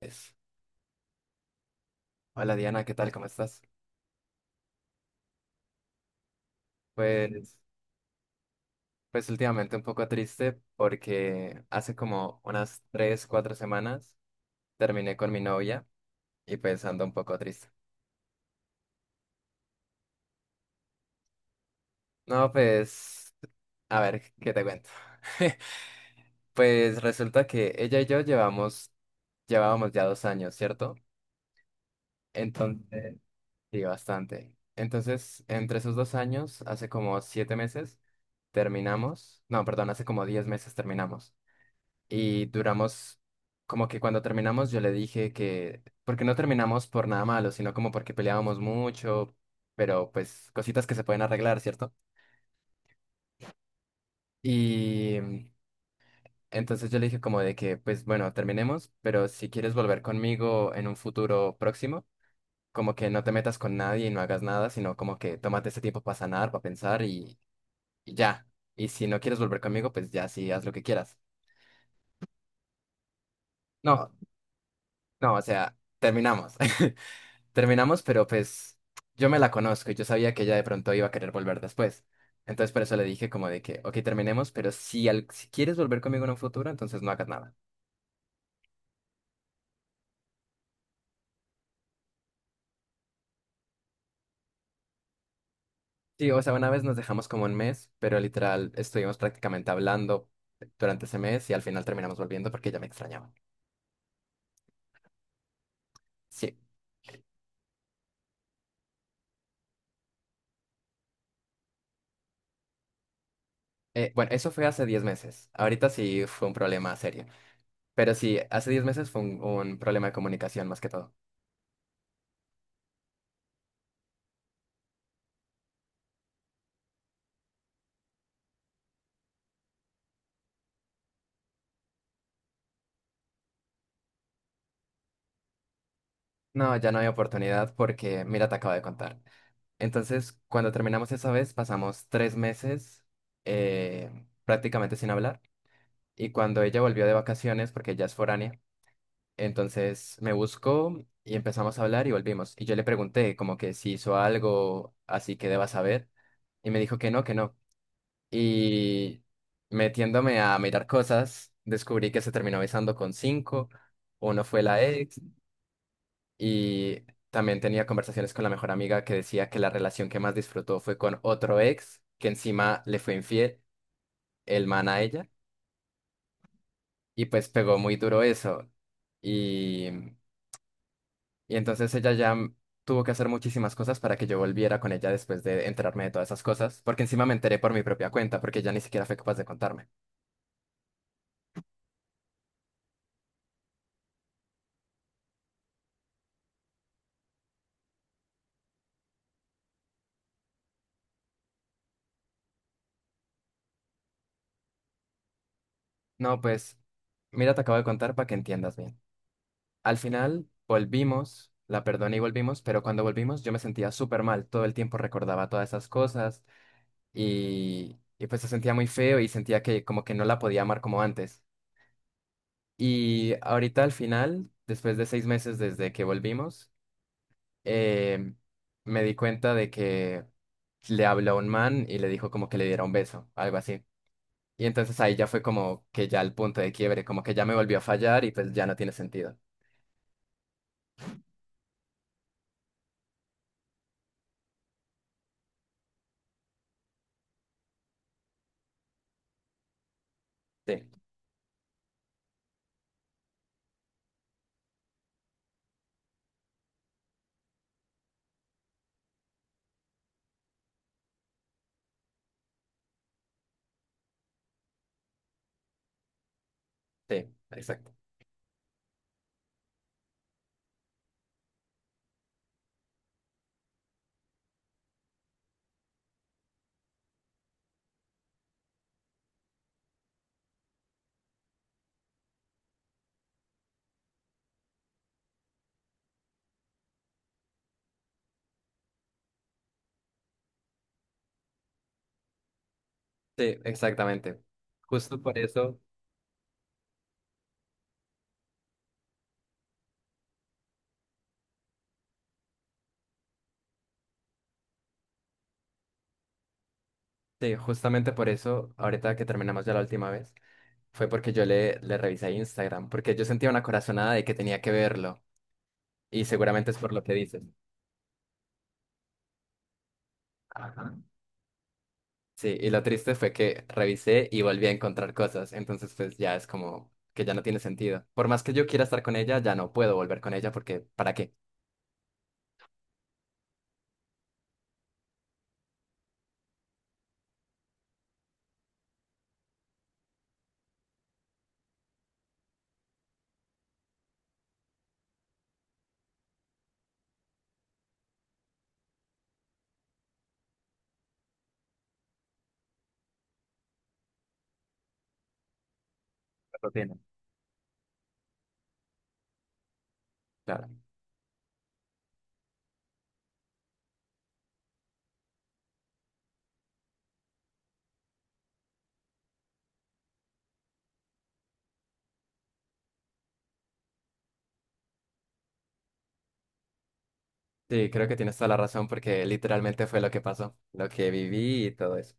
Es. Hola Diana, ¿qué tal? ¿Cómo estás? Pues, pues, últimamente un poco triste porque hace como unas 3, 4 semanas terminé con mi novia y pues ando un poco triste. No, pues, a ver, ¿qué te cuento? Pues resulta que ella y yo llevábamos ya 2 años, ¿cierto? Entonces, sí, bastante. Entonces, entre esos 2 años, hace como 7 meses, terminamos. No, perdón, hace como 10 meses terminamos. Y duramos, como que cuando terminamos yo le dije que, porque no terminamos por nada malo, sino como porque peleábamos mucho, pero pues cositas que se pueden arreglar, ¿cierto? Y entonces yo le dije como de que, pues bueno, terminemos, pero si quieres volver conmigo en un futuro próximo, como que no te metas con nadie y no hagas nada, sino como que tómate ese tiempo para sanar, para pensar y ya. Y si no quieres volver conmigo, pues ya sí, haz lo que quieras. No, no, o sea, terminamos. Terminamos, pero pues yo me la conozco y yo sabía que ella de pronto iba a querer volver después. Entonces por eso le dije como de que, ok, terminemos, pero si quieres volver conmigo en un futuro, entonces no hagas nada. Sí, o sea, una vez nos dejamos como un mes, pero literal estuvimos prácticamente hablando durante ese mes y al final terminamos volviendo porque ella me extrañaba. Sí. Bueno, eso fue hace 10 meses. Ahorita sí fue un problema serio. Pero sí, hace 10 meses fue un problema de comunicación más que todo. No, ya no hay oportunidad porque, mira, te acabo de contar. Entonces, cuando terminamos esa vez, pasamos 3 meses eh, prácticamente sin hablar. Y cuando ella volvió de vacaciones, porque ella es foránea, entonces me buscó y empezamos a hablar y volvimos. Y yo le pregunté como que si hizo algo así que deba saber. Y me dijo que no, que no. Y metiéndome a mirar cosas, descubrí que se terminó besando con cinco. Uno fue la ex, y también tenía conversaciones con la mejor amiga que decía que la relación que más disfrutó fue con otro ex, que encima le fue infiel, el man a ella, y pues pegó muy duro eso. Y, y entonces ella ya tuvo que hacer muchísimas cosas para que yo volviera con ella después de enterarme de todas esas cosas, porque encima me enteré por mi propia cuenta, porque ella ni siquiera fue capaz de contarme. No, pues, mira, te acabo de contar para que entiendas bien. Al final volvimos, la perdoné y volvimos, pero cuando volvimos yo me sentía súper mal, todo el tiempo recordaba todas esas cosas y pues se sentía muy feo y sentía que como que no la podía amar como antes. Y ahorita al final, después de 6 meses desde que volvimos, eh, me di cuenta de que le habló a un man y le dijo como que le diera un beso, algo así. Y entonces ahí ya fue como que ya el punto de quiebre, como que ya me volvió a fallar y pues ya no tiene sentido. Sí, sí, exacto. Sí, exactamente. Justo por eso, sí, justamente por eso, ahorita que terminamos ya la última vez, fue porque yo le revisé Instagram, porque yo sentía una corazonada de que tenía que verlo, y seguramente es por lo que dices. Ajá. Sí, y lo triste fue que revisé y volví a encontrar cosas, entonces pues ya es como que ya no tiene sentido. Por más que yo quiera estar con ella, ya no puedo volver con ella porque ¿para qué? La Rutina. Claro. Sí, creo que tienes toda la razón porque literalmente fue lo que pasó, lo que viví y todo eso.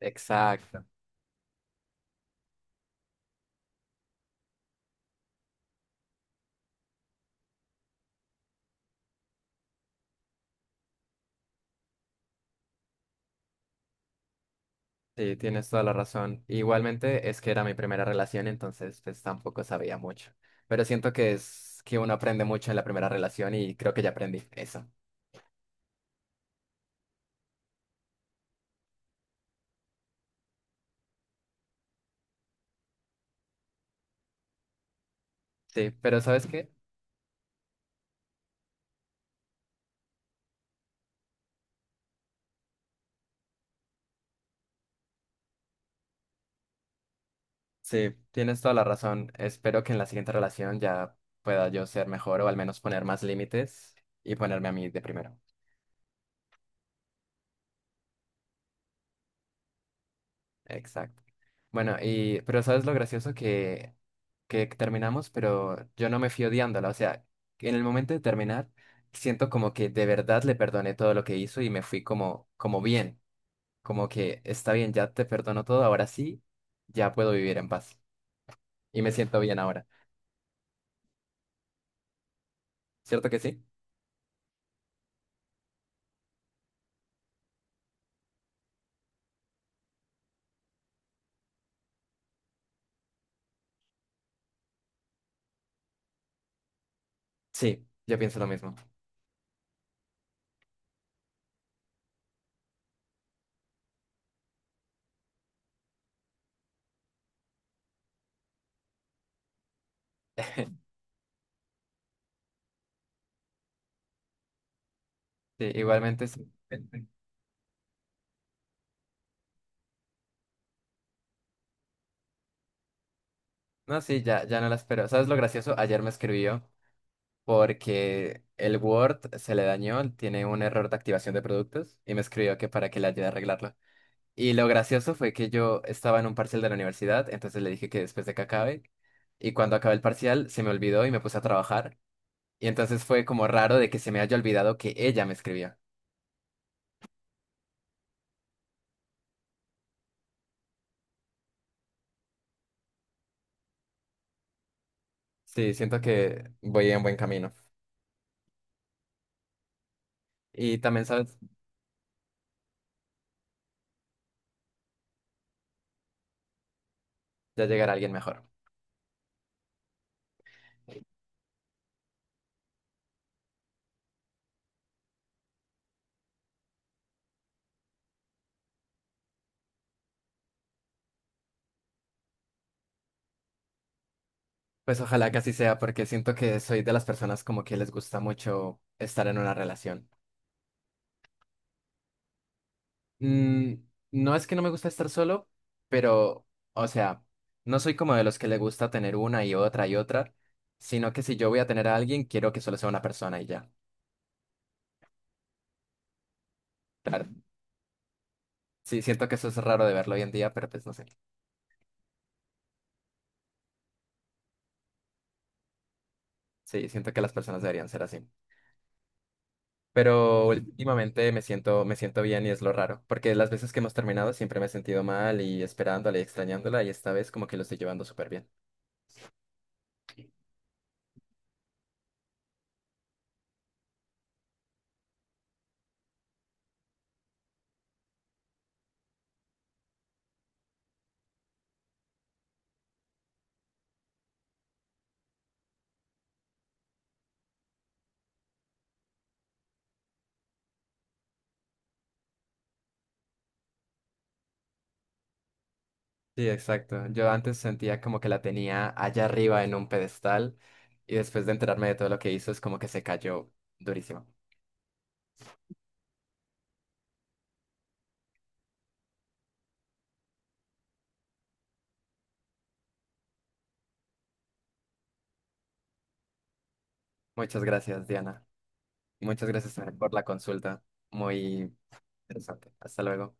Exacto. Sí, tienes toda la razón. Igualmente es que era mi primera relación, entonces pues tampoco sabía mucho. Pero siento que es que uno aprende mucho en la primera relación y creo que ya aprendí eso. Sí, pero ¿sabes qué? Sí, tienes toda la razón. Espero que en la siguiente relación ya pueda yo ser mejor o al menos poner más límites y ponerme a mí de primero. Exacto. Bueno, y pero ¿sabes lo gracioso que terminamos? Pero yo no me fui odiándola. O sea, que en el momento de terminar, siento como que de verdad le perdoné todo lo que hizo y me fui como, como bien. Como que está bien, ya te perdono todo, ahora sí, ya puedo vivir en paz. Y me siento bien ahora. ¿Cierto que sí? Sí, yo pienso lo mismo. Sí, igualmente sí. No, sí, ya, ya no la espero. ¿Sabes lo gracioso? Ayer me escribió porque el Word se le dañó, tiene un error de activación de productos y me escribió que para que le ayude a arreglarlo. Y lo gracioso fue que yo estaba en un parcial de la universidad, entonces le dije que después de que acabe, y cuando acabé el parcial se me olvidó y me puse a trabajar, y entonces fue como raro de que se me haya olvidado que ella me escribía. Sí, siento que voy en buen camino. Y también, ¿sabes? Ya llegará alguien mejor. Pues ojalá que así sea, porque siento que soy de las personas como que les gusta mucho estar en una relación. Mm, no es que no me gusta estar solo, pero, o sea, no soy como de los que le gusta tener una y otra, sino que si yo voy a tener a alguien, quiero que solo sea una persona y ya. Claro. Sí, siento que eso es raro de verlo hoy en día, pero pues no sé. Sí, siento que las personas deberían ser así. Pero últimamente me siento bien y es lo raro, porque las veces que hemos terminado siempre me he sentido mal y esperándola y extrañándola y esta vez como que lo estoy llevando súper bien. Sí, exacto. Yo antes sentía como que la tenía allá arriba en un pedestal y después de enterarme de todo lo que hizo es como que se cayó durísimo. Muchas gracias, Diana. Muchas gracias también por la consulta. Muy interesante. Hasta luego.